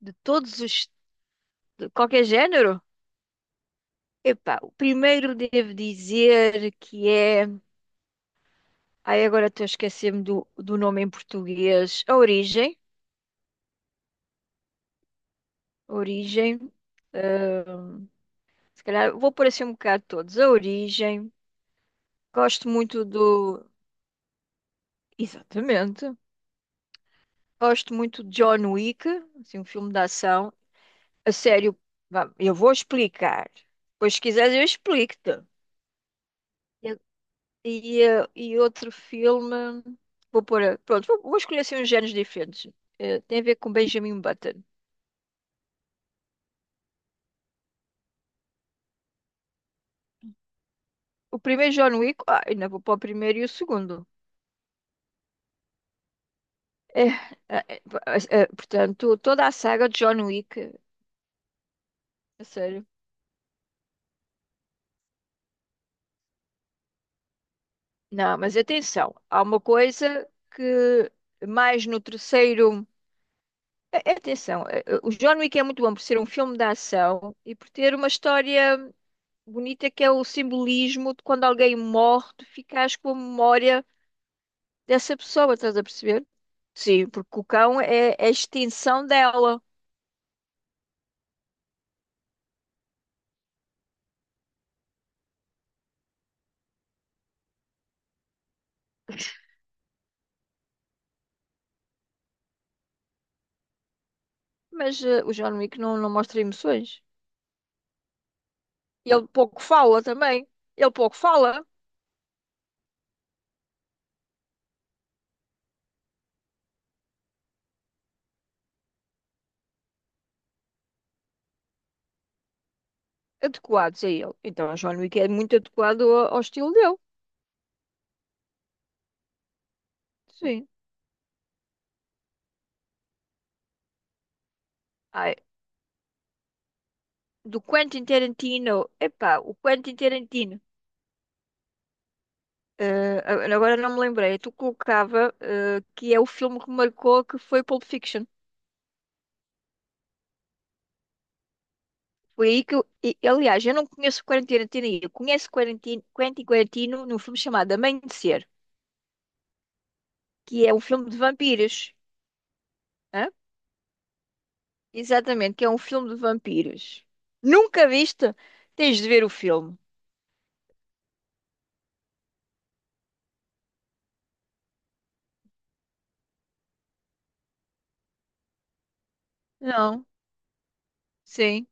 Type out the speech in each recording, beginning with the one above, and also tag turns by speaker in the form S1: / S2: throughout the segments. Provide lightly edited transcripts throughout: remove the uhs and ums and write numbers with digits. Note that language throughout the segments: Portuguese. S1: De todos os, de qualquer género? Epá, o primeiro devo dizer que é. Ai, agora estou a esquecer-me do nome em português. A Origem. A Origem. eh, Se calhar vou pôr assim um bocado todos. A Origem. Gosto muito do. Exatamente. Gosto muito de John Wick, assim, um filme de ação. A sério, vá, eu vou explicar. Pois se quiseres, eu explico-te. E outro filme. Vou pôr. Pronto, vou escolher assim uns géneros diferentes. Tem a ver com Benjamin Button. O primeiro John Wick, ainda vou para o primeiro e o segundo. É, é, é, é, portanto, toda a saga de John Wick, a sério. Não, mas atenção, há uma coisa que mais no terceiro. Atenção, o John Wick é muito bom por ser um filme de ação e por ter uma história bonita que é o simbolismo de quando alguém morre, tu ficas com a memória dessa pessoa, estás a perceber? Sim, porque o cão é a extinção dela. Mas o John Wick não, não mostra emoções. E ele pouco fala também. Ele pouco fala. Adequados a ele. Então o John Wick é muito adequado ao estilo dele. Sim. Ai, do Quentin Tarantino. Epá, o Quentin Tarantino. Eh, Agora não me lembrei. É. Tu colocava, que é o filme que marcou, que foi Pulp Fiction. Foi aí que eu, aliás, eu não conheço o Quarantino, eu conheço Quentin Quarantino num filme chamado Amanhecer, que é um filme de vampiros. Hã? Exatamente, que é um filme de vampiros. Nunca viste? Tens de ver o filme. Não, sim.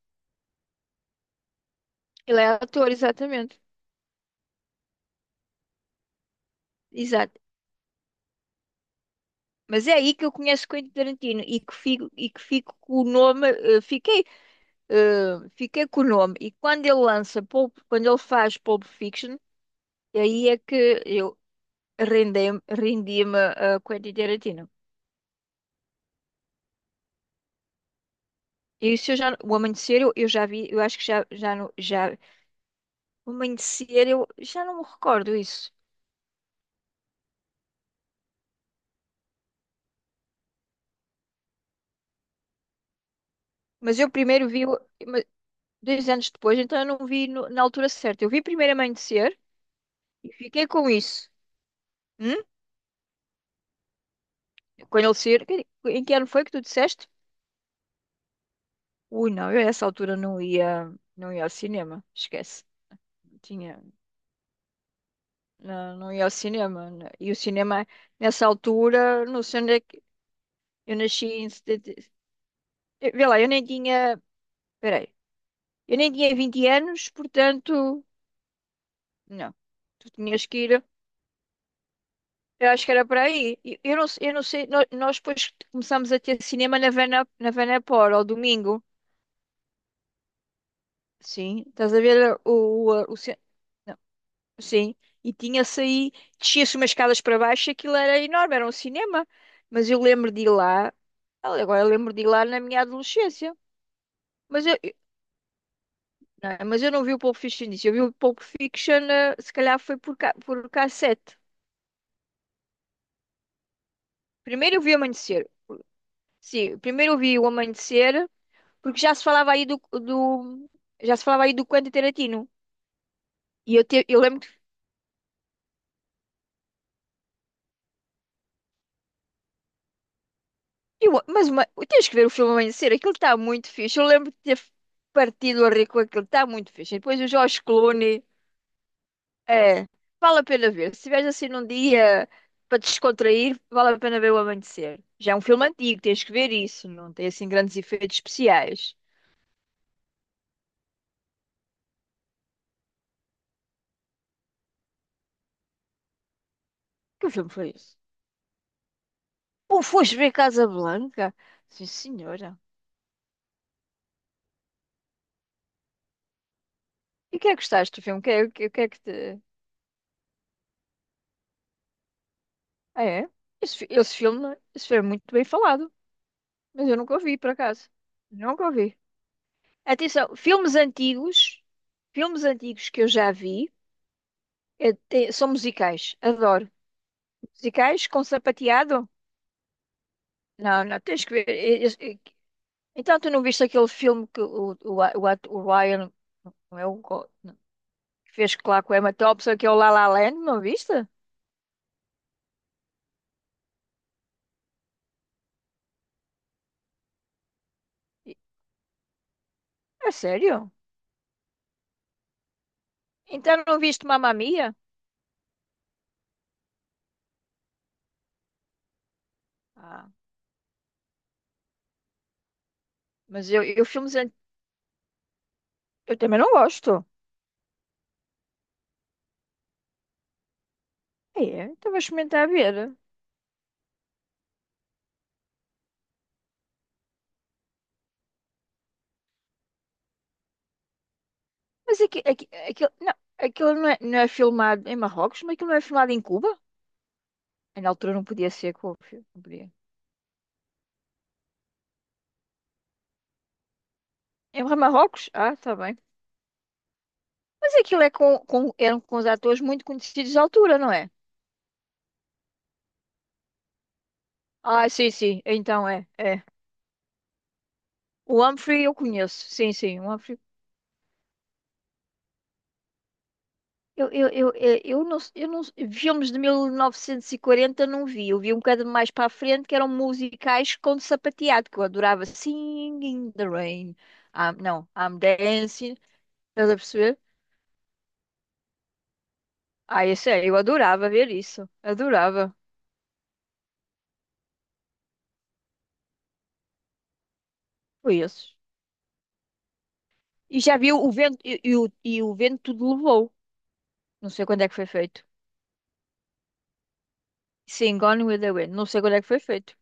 S1: Ele é ator, exatamente. Exato. Mas é aí que eu conheço Quentin Tarantino e que fico com o nome, fiquei com o nome. E quando ele quando ele faz Pulp Fiction, aí é que eu, rendi-me a Quentin Tarantino. Isso eu já, o Amanhecer eu já vi, eu acho que já, já, não- já, o Amanhecer eu já não me recordo isso. Mas eu primeiro vi, ma- dois anos depois, então eu não vi na altura certa. Eu vi primeiro Amanhecer e fiquei com isso. Hum? Quando ele saiu, em que ano foi que tu disseste? Ui, não, eu a essa altura não ia ao cinema, esquece. Tinha, não, não ia ao cinema, né. E o cinema, nessa altura, não sei onde é que. Eu nasci em. Vê lá, eu nem tinha. Peraí. Eu nem tinha 20 anos, portanto. Não. Tu tinhas que ir. Eu acho que era para aí. E eu não sei. Nós, depois começamos a ter cinema na Vanapor, ao domingo. Sim. Estás a ver o, não. Sim. E tinha-se aí. Descia-se umas escadas para baixo, e aquilo era enorme, era um cinema. Mas eu lembro de ir lá. Agora eu lembro de ir lá na minha adolescência. Mas eu, não é? Mas eu não vi o Pulp Fiction disso. Eu vi o Pulp Fiction, se calhar foi por cassete. Primeiro eu vi o Amanhecer. Sim, primeiro eu vi o Amanhecer, porque já se falava aí do Quentin Tarantino. E eu, eu lembro, eu, mas uma, tens que ver o filme Amanhecer, aquilo está muito fixe. Eu lembro de ter partido a rir com aquilo, está muito fixe. E depois o George Clooney. É, vale a pena ver. Se estiveres assim num dia para te descontrair, vale a pena ver o Amanhecer. Já é um filme antigo, tens que ver isso, não tem assim grandes efeitos especiais. Que filme foi esse? Ou foste ver Casa Blanca? Sim, senhora. E o que é que gostaste do filme? O que é, o que é que te. Ah, é? Esse filme é muito bem falado, mas eu nunca o vi, por acaso. Nunca o vi. Atenção, filmes antigos que eu já vi, são musicais. Adoro. Musicais com sapateado. Não, não, tens que ver. Então, tu não viste aquele filme que o Ryan, não é o não, que fez lá com a Emma Thompson, que é o La La Land, não viste? E- É sério? Então, não viste Mamma Mia? Ah, mas eu filmes eu também não gosto. É, então vou experimentar ver. Mas aqui, aquilo, não, aquilo não é filmado em Marrocos, mas aquilo não é filmado em Cuba? Na altura não podia ser, não podia. Em Marrocos? Ah, está bem. Mas aquilo é eram com os atores muito conhecidos da altura, não é? Ah, sim, sim. Então é, é. O Humphrey eu conheço. Sim, sim. O Humphrey. Eu não, filmes de 1940 não vi. Eu vi um bocado mais para a frente, que eram musicais com sapateado, que eu adorava. Singing in the Rain. Ah, não, I'm Dancing. Estás a perceber? Ah, isso é. Eu adorava ver isso. Adorava. Foi isso. E já vi o vento e o vento tudo levou. Não sei quando é que foi feito. Sim, Gone with the Wind. Não sei quando é que foi feito.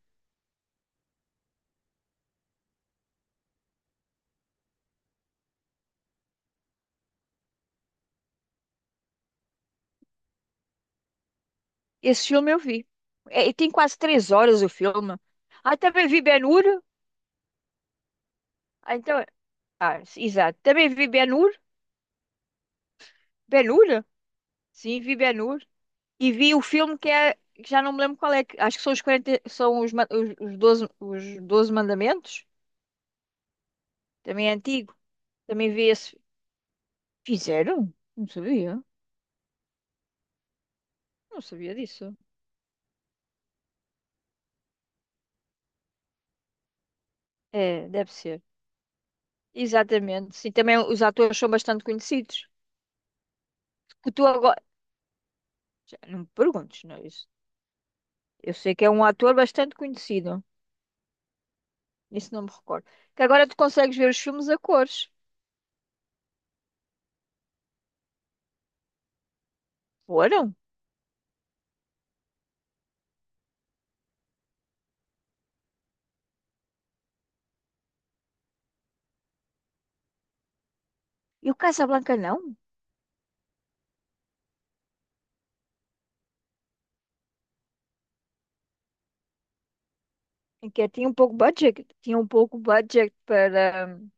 S1: Esse filme eu vi. É, e tem quase três horas o filme. Ah, também vi Ben-Hur. Ah, então, exato. Também vi Ben-Hur. Ben-Hur? Sim, vi Ben-Hur. E vi o filme que é, que já não me lembro qual é. Acho que são os 40, são os, os 12, os 12 mandamentos. Também é antigo. Também vi esse. Fizeram? Não sabia. Não sabia disso. É, deve ser. Exatamente. Sim, também os atores são bastante conhecidos. Que tu agora. Já não me perguntes, não é? Eu sei que é um ator bastante conhecido. Isso não me recordo. Que agora tu consegues ver os filmes a cores. Foram? E o Casablanca não? Em que tinha um pouco budget. Tinha um pouco budget para.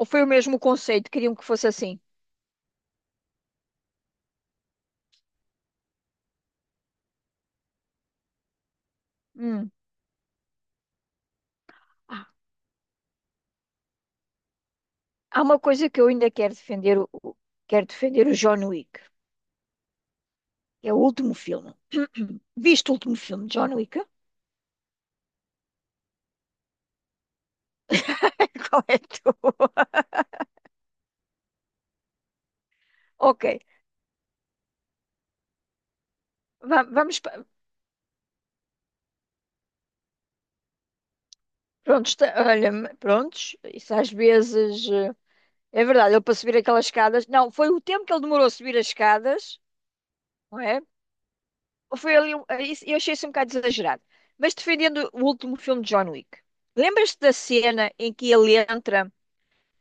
S1: Ou foi o mesmo conceito? Queriam que fosse assim. Hum. Ah, há uma coisa que eu ainda quero defender. Quero defender o John Wick. Que É o último filme. Viste o último filme de John Wick? Qual é a tua? Ok. Vamos. Prontos. Olha, prontos. Isso às vezes. É verdade, ele para subir aquelas escadas. Não, foi o tempo que ele demorou a subir as escadas, não é? Foi ali. Eu achei isso um bocado exagerado. Mas, defendendo o último filme de John Wick, lembras-te da cena em que ele entra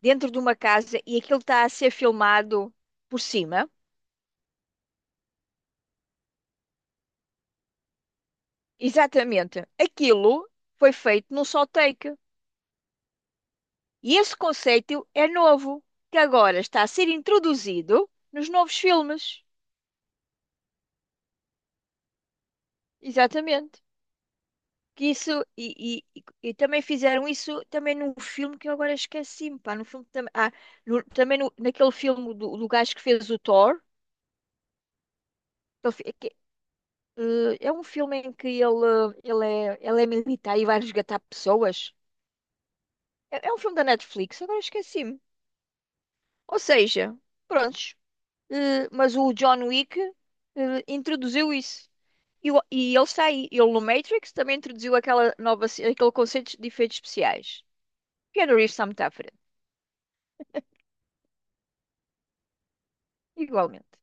S1: dentro de uma casa e aquilo está a ser filmado por cima? Exatamente. Aquilo foi feito num só take. E esse conceito é novo, que agora está a ser introduzido nos novos filmes. Exatamente. Que isso, e também fizeram isso também num filme que eu agora esqueci-me, pá, no filme também, naquele filme do gajo que fez o Thor, ele fe- que- eh, é um filme em que ele é militar e vai resgatar pessoas. É um filme da Netflix, agora esqueci-me. Ou seja, prontos, mas o John Wick, introduziu isso. E ele está aí, ele no Matrix também introduziu aquela aquele conceito de efeitos especiais. Keanu Reeves está muito à frente, igualmente.